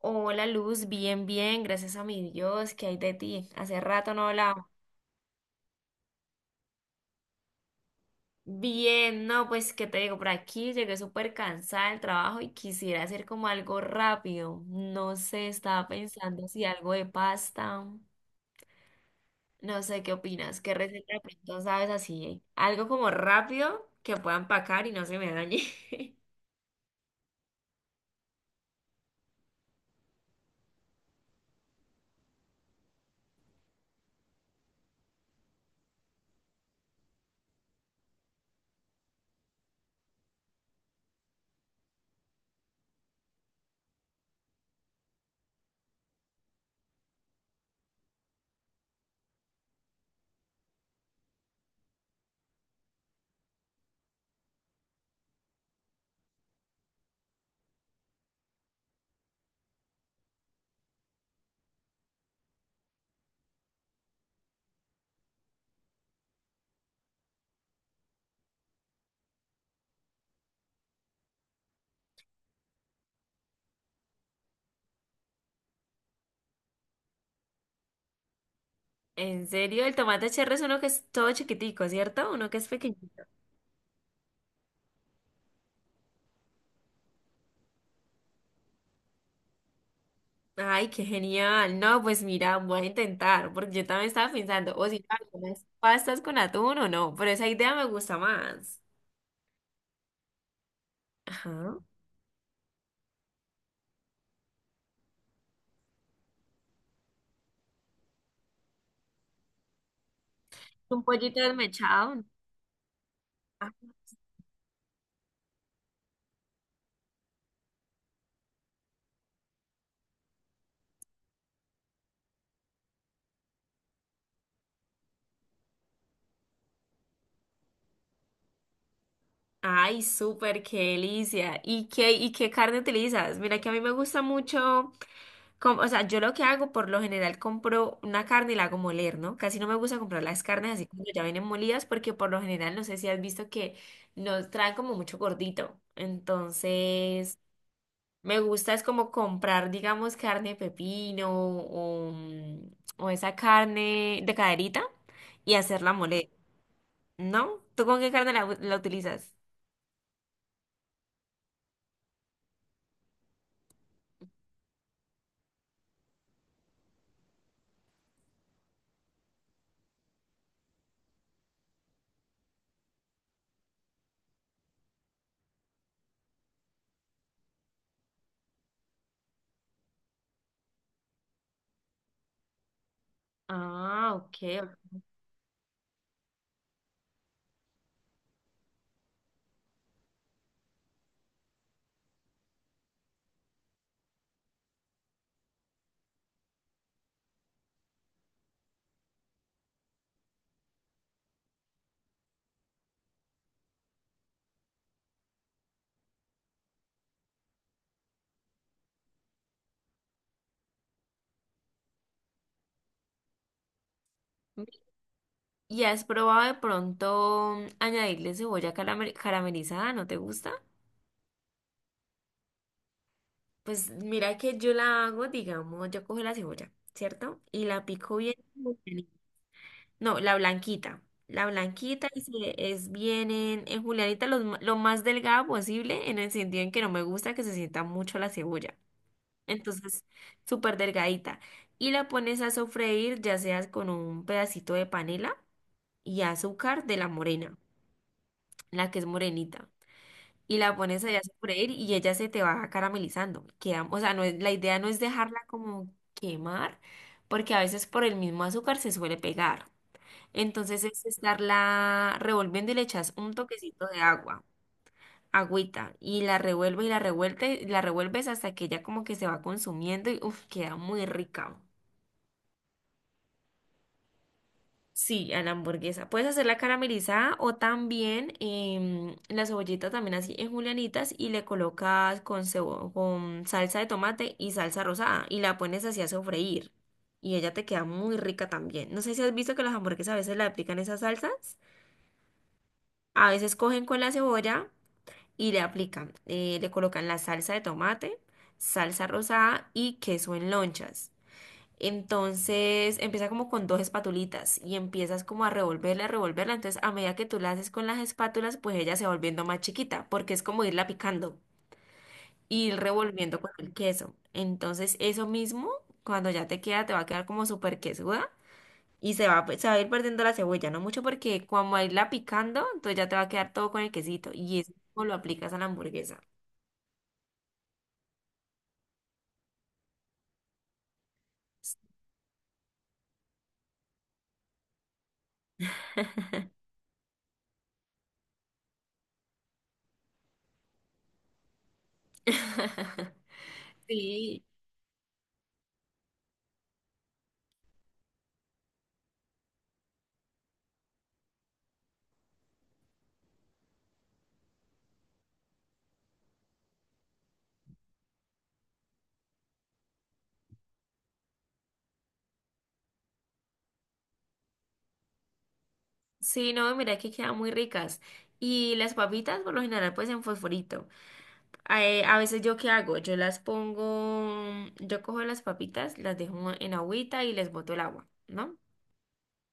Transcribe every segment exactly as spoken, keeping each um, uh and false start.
Hola Luz, bien, bien, gracias a mi Dios, ¿qué hay de ti? Hace rato no hablaba. Bien, no, pues, ¿qué te digo? Por aquí llegué súper cansada del trabajo y quisiera hacer como algo rápido. No sé, estaba pensando si algo de pasta. No sé, ¿qué opinas? ¿Qué receta de pronto sabes así? Algo como rápido que pueda empacar y no se me dañe. En serio, el tomate cherry es uno que es todo chiquitico, ¿cierto? Uno que es pequeño. Ay, qué genial. No, pues mira, voy a intentar, porque yo también estaba pensando, o si hago unas pastas con atún o no, pero esa idea me gusta más. Ajá. Un pollito desmechado. Ah, ay, súper, qué delicia. ¿Y qué, y qué carne utilizas? Mira que a mí me gusta mucho, com- o sea, yo lo que hago por lo general compro una carne y la hago moler, ¿no? Casi no me gusta comprar las carnes así cuando ya vienen molidas, porque por lo general no sé si has visto que nos traen como mucho gordito. Entonces... Me gusta es como comprar, digamos, carne de pepino o, mm, o esa carne de caderita y hacerla moler, ¿no? ¿Tú con qué carne la, u- la utilizas? Ah, ok. Ok. ¿Y has probado de pronto mm, añadirle cebolla calame- caramelizada? ¿No te gusta? Pues mira que yo la hago, digamos, yo cojo la cebolla, ¿cierto? Y la pico bien. No, la blanquita. La blanquita y se- es bien en, en julianita lo, m- lo más delgada posible en el sentido en que no me gusta que se sienta mucho la cebolla. Entonces, súper delgadita. Y la pones a sofreír ya sea con un pedacito de panela y azúcar de la morena, la que es morenita. Y la pones allá a sofreír y ella se te va caramelizando. Queda, o sea, no es, la idea no es dejarla como quemar, porque a veces por el mismo azúcar se suele pegar. Entonces es estarla revolviendo y le echas un toquecito de agua, agüita, y la revuelves y la revuelves, la revuelves hasta que ya como que se va consumiendo y uff, queda muy rica. Sí, a la hamburguesa. Puedes hacerla caramelizada o también em, la cebollita también así en julianitas y le colocas con, cebo- con salsa de tomate y salsa rosada y la pones así a sofreír. Y ella te queda muy rica también. No sé si has visto que las hamburguesas a veces le aplican esas salsas. A veces cogen con la cebolla. Y le aplican, eh, le colocan la salsa de tomate, salsa rosada y queso en lonchas. Entonces empieza como con dos espatulitas y empiezas como a revolverla, a revolverla. Entonces a medida que tú la haces con las espátulas, pues ella se va volviendo más chiquita porque es como irla picando y ir revolviendo con el queso. Entonces eso mismo, cuando ya te queda, te va a quedar como súper quesuda y se va, se va a ir perdiendo la cebolla, no mucho porque cuando a irla picando, entonces ya te va a quedar todo con el quesito y eso lo aplicas a la hamburguesa. Sí, sí, no, mira que quedan muy ricas. Y las papitas, por lo general, pues en fosforito. Eh, a veces yo qué hago, yo las pongo, yo cojo las papitas, las dejo en agüita y les boto el agua, ¿no?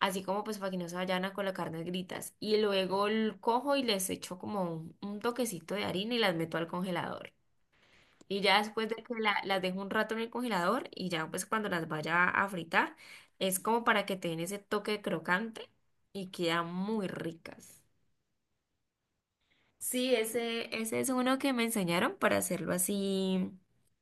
Así como pues para que no se vayan a colocar negritas. Y luego l- cojo y les echo como un, un toquecito de harina y las meto al congelador. Y ya después de que la- las dejo un rato en el congelador y ya pues cuando las vaya a fritar, es como para que te den ese toque crocante y quedan muy ricas. Sí, ese, ese es uno que me enseñaron para hacerlo así,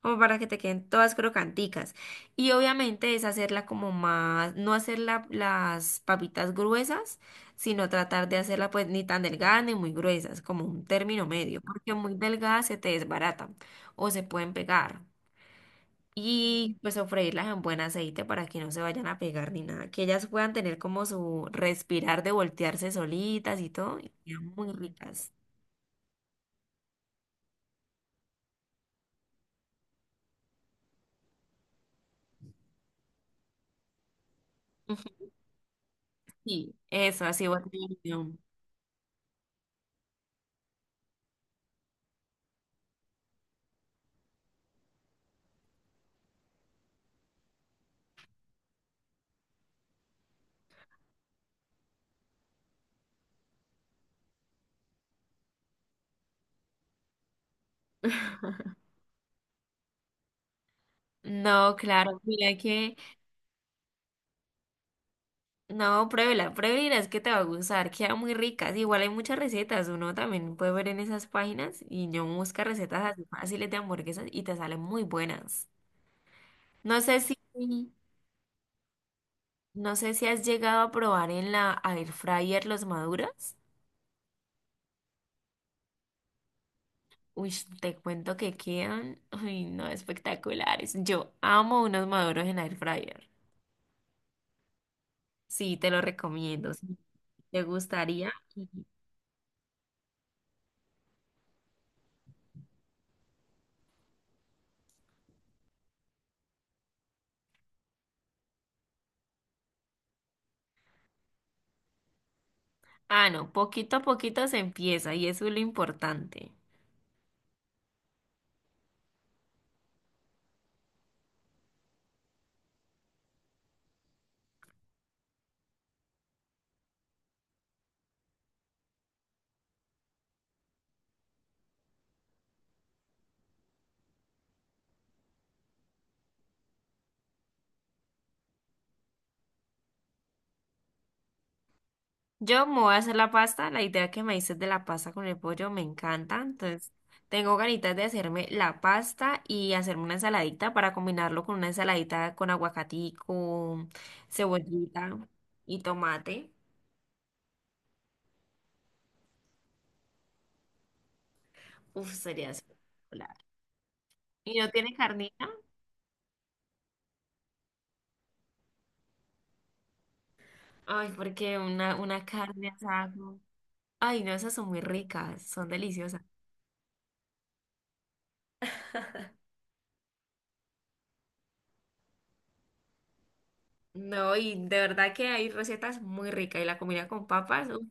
como para que te queden todas crocanticas. Y obviamente es hacerla como más, no hacer la- las papitas gruesas, sino tratar de hacerla pues ni tan delgada ni muy gruesas, como un término medio, porque muy delgada se te desbaratan o se pueden pegar. Y pues sofreírlas en buen aceite para que no se vayan a pegar ni nada. Que ellas puedan tener como su respirar de voltearse solitas y todo. Y quedan muy ricas. Ujú. Sí, eso, así voy a tener yo. No, claro, mira que. No, pruébela, pruébela, es que te va a gustar. Quedan muy ricas. Igual hay muchas recetas. Uno también puede ver en esas páginas. Y yo busca recetas así fáciles de hamburguesas y te salen muy buenas. No sé si. No sé si has llegado a probar en la air fryer los maduros. Uy, te cuento que quedan, ay, no, espectaculares. Yo amo unos maduros en air fryer. Sí, te lo recomiendo. Si te gustaría. Y- Ah, no, poquito a poquito se empieza y eso es lo importante. Yo me voy a hacer la pasta. La idea que me dices de la pasta con el pollo me encanta. Entonces, tengo ganitas de hacerme la pasta y hacerme una ensaladita para combinarlo con una ensaladita con aguacatico, cebollita y tomate. Uf, sería espectacular. ¿Y no tiene carnita? Ay, porque una, una carne asada. Con- Ay, no, esas son muy ricas, son deliciosas. No, y de verdad que hay recetas muy ricas. Y la comida con papas. Uf.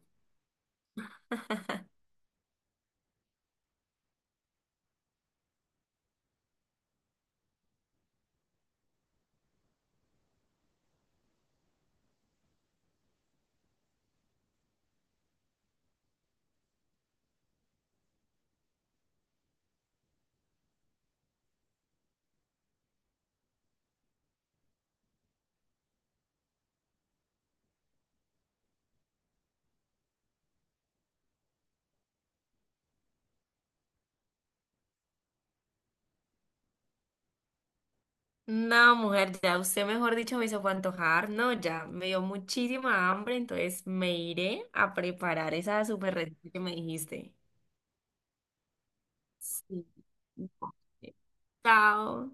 No, mujer, ya usted, mejor dicho, me hizo fue antojar. No, ya me dio muchísima hambre, entonces me iré a preparar esa super receta que me dijiste. Sí. Chao.